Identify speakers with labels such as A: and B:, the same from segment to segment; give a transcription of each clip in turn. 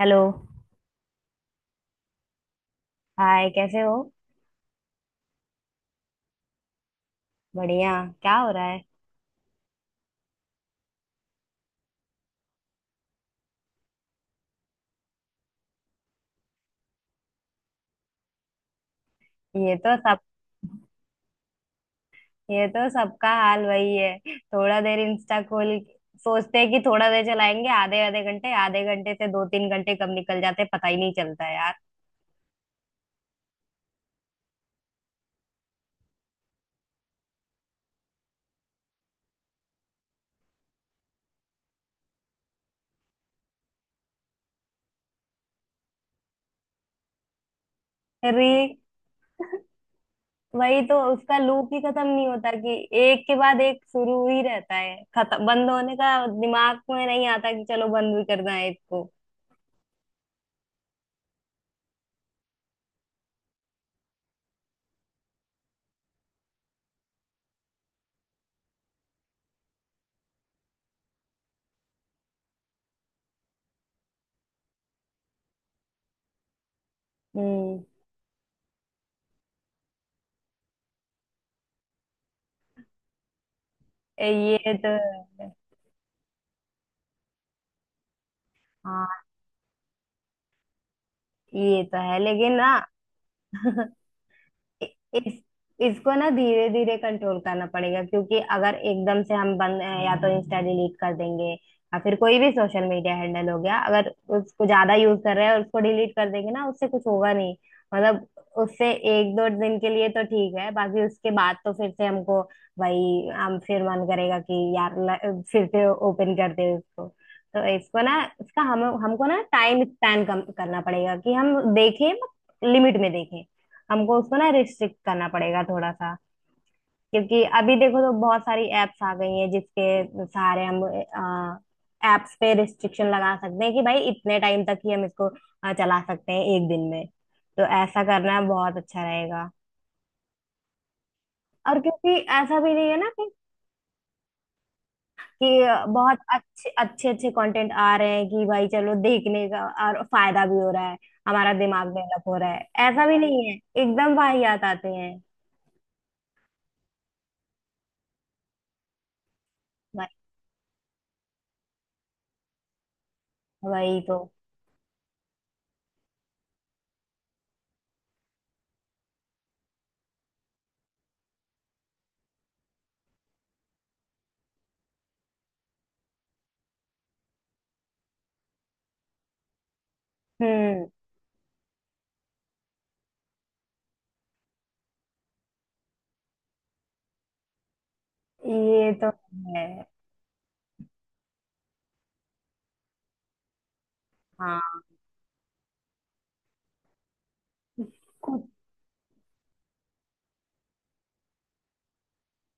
A: Hello. Hi कैसे हो। बढ़िया। क्या हो रहा है। ये तो सब। ये तो सबका हाल वही है। थोड़ा देर इंस्टा खोल सोचते हैं कि थोड़ा देर चलाएंगे, आधे आधे घंटे, आधे घंटे से दो तीन घंटे कब निकल जाते हैं, पता ही नहीं चलता है यार। अरे वही तो, उसका लूप ही खत्म नहीं होता कि एक के बाद एक शुरू ही रहता है। खत्म, बंद होने का दिमाग में नहीं आता कि चलो बंद भी करना है इसको। हम्म, ये तो है। हाँ, ये तो है लेकिन ना। इ- इस इसको ना धीरे धीरे कंट्रोल करना पड़ेगा, क्योंकि अगर एकदम से हम बंद, या तो इंस्टा डिलीट कर देंगे या फिर कोई भी सोशल मीडिया हैंडल हो गया, अगर उसको ज्यादा यूज कर रहे हैं और उसको डिलीट कर देंगे ना, उससे कुछ होगा नहीं। मतलब उससे एक दो दिन के लिए तो ठीक है, बाकी उसके बाद तो फिर से हमको वही, हम फिर मन करेगा कि यार फिर से ओपन कर दे उसको। तो इसको ना, इसका हम, हमको ना टाइम स्पैन कम करना पड़ेगा कि हम देखें, लिमिट में देखें। हमको उसको ना रिस्ट्रिक्ट करना पड़ेगा थोड़ा सा, क्योंकि अभी देखो तो बहुत सारी एप्स आ गई हैं जिसके सहारे हम एप्स पे रिस्ट्रिक्शन लगा सकते हैं कि भाई इतने टाइम तक ही हम इसको चला सकते हैं एक दिन में। तो ऐसा करना बहुत अच्छा रहेगा। और क्योंकि ऐसा भी नहीं है ना कि बहुत अच्छे अच्छे अच्छे कंटेंट आ रहे हैं कि भाई चलो देखने का और फायदा भी हो रहा है, हमारा दिमाग डेवलप हो रहा है। ऐसा भी नहीं है, एकदम वाहियात आते हैं। भाई वही तो। हम्म। ये तो है। हाँ। कुछ।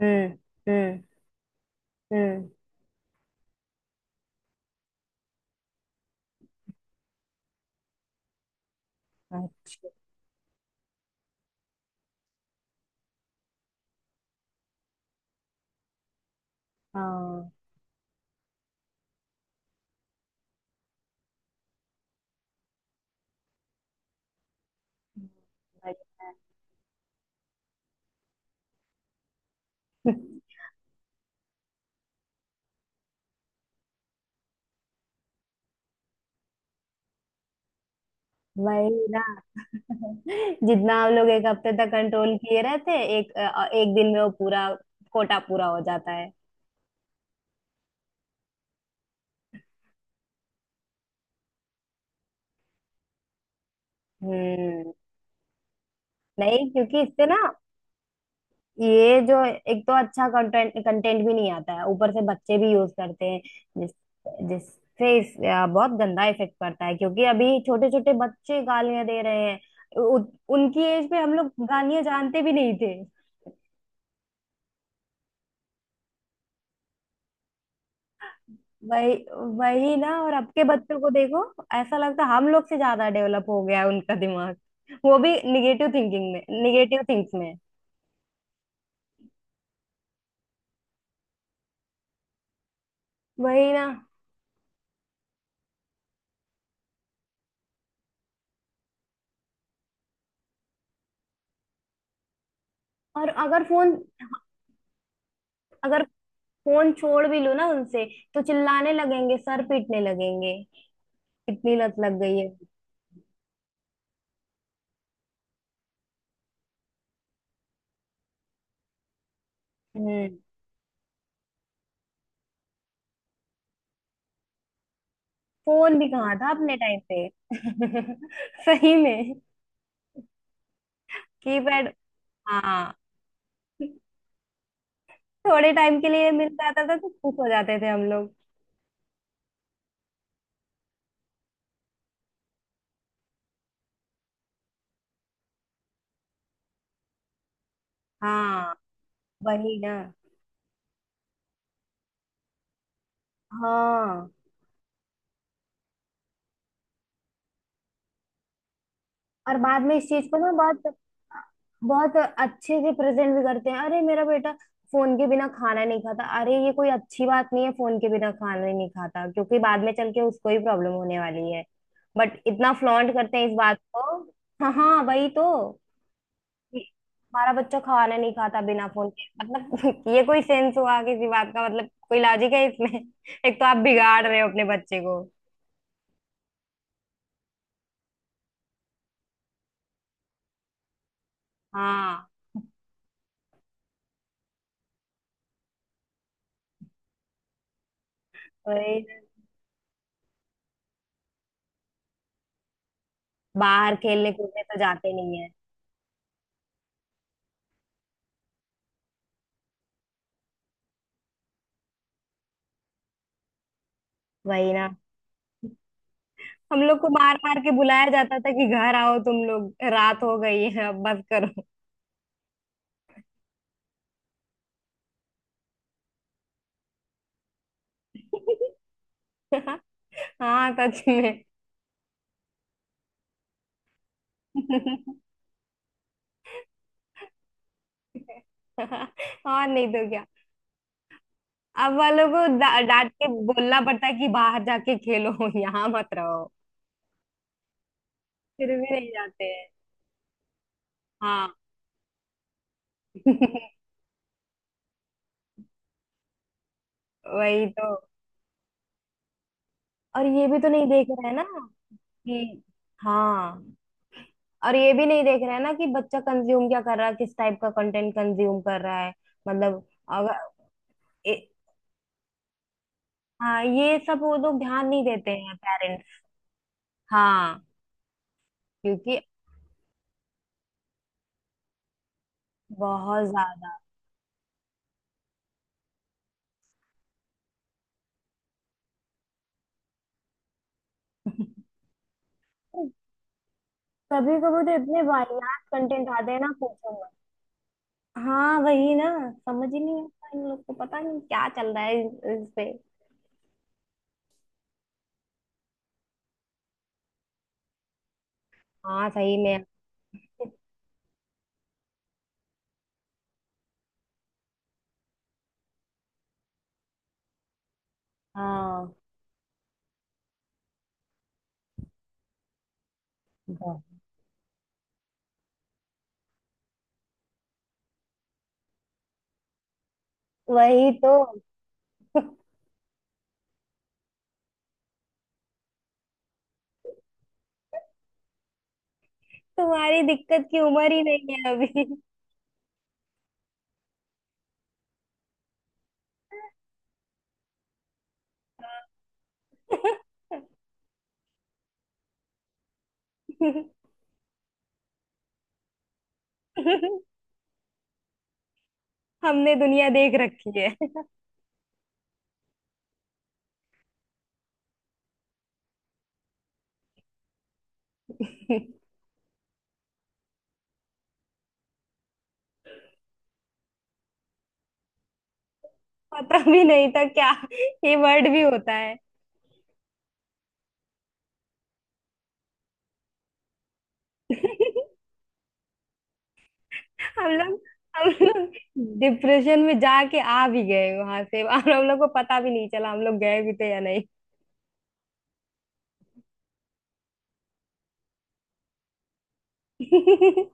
A: हम्म। हम्म। हम्म। अच्छा। हाँ। बढ़िया। है। वही ना। जितना हम लोग एक हफ्ते तक कंट्रोल किए रहते हैं, एक एक दिन में वो पूरा कोटा पूरा हो जाता है। हम्म। नहीं, क्योंकि इससे ना, ये जो, एक तो अच्छा कंटेंट, कंटेंट भी नहीं आता है, ऊपर से बच्चे भी यूज करते हैं। जिस जिससे बहुत गंदा इफेक्ट पड़ता है, क्योंकि अभी छोटे छोटे बच्चे गालियां दे रहे हैं। उ, उनकी एज पे हम लोग गालियां जानते भी नहीं थे। वही, वही ना। और अब के बच्चों को देखो, ऐसा लगता है हम लोग से ज्यादा डेवलप हो गया है उनका दिमाग, वो भी निगेटिव थिंकिंग में, निगेटिव थिंक्स में। वही ना। और अगर फोन छोड़ भी लूँ ना उनसे, तो चिल्लाने लगेंगे, सर पीटने लगेंगे। कितनी लत लग गई है। हम्म। फोन भी कहाँ था अपने टाइम पे। सही में। कीपैड। हाँ, थोड़े टाइम के लिए मिल जाता था तो खुश हो जाते थे हम लोग। हाँ, वही ना। हाँ, और बाद में इस चीज को ना बहुत बहुत अच्छे से प्रेजेंट भी करते हैं, अरे मेरा बेटा फोन के बिना खाना नहीं खाता। अरे ये कोई अच्छी बात नहीं है, फोन के बिना खाना ही नहीं खाता, क्योंकि बाद में चल के उसको ही प्रॉब्लम होने वाली है। बट इतना फ्लॉन्ट करते हैं इस बात को। हाँ हाँ वही तो, कि हमारा बच्चा खाना नहीं खाता बिना फोन के, मतलब ये कोई सेंस हुआ किसी बात का, मतलब कोई लॉजिक है इसमें। एक तो आप बिगाड़ रहे हो अपने बच्चे को। हाँ। वही, बाहर खेलने कूदने तो जाते नहीं है। वही ना, हम लोग को मार मार के बुलाया जाता था कि घर आओ तुम लोग, रात हो गई है अब बस करो। हाँ सच में। और नहीं तो क्या। अब वालों को डांट के बोलना पड़ता है कि बाहर जाके खेलो, यहाँ मत रहो। फिर भी नहीं जाते हैं। हाँ। वही तो। और ये भी तो नहीं देख रहे हैं ना, कि हाँ, और ये भी नहीं देख रहे हैं ना कि बच्चा कंज्यूम क्या कर रहा है, किस टाइप का कंटेंट कंज्यूम कर रहा है। मतलब अगर ए, हाँ, ये सब वो लोग ध्यान नहीं देते हैं पेरेंट्स। हाँ क्योंकि बहुत ज्यादा। कभी कभी तो इतने वाहियात कंटेंट आते हैं ना, पूछो मत। हाँ वही ना, समझ ही नहीं आता इन लोग को, पता नहीं क्या चल रहा है इस पे। हाँ सही में। हाँ बहुत। वही तो। तुम्हारी दिक्कत की उम्र ही नहीं है अभी। हमने दुनिया देख रखी है। पता भी नहीं था क्या ये वर्ड भी होता है। हम लोग हम लोग डिप्रेशन में जाके आ भी गए वहां से और हम लोग को पता भी नहीं चला हम लोग गए भी थे या नहीं।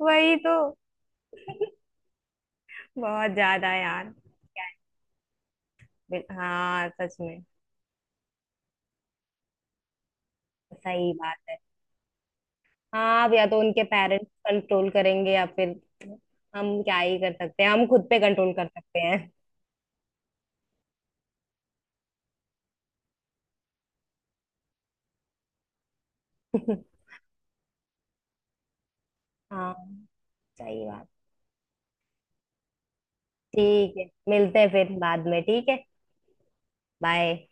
A: वही तो। बहुत ज्यादा यार। हाँ सच में। सही बात है। हाँ, अब या तो उनके पेरेंट्स कंट्रोल करेंगे या फिर हम क्या ही कर सकते हैं, हम खुद पे कंट्रोल कर सकते हैं। हाँ सही बात। ठीक है, मिलते हैं फिर बाद में, ठीक है। बाय।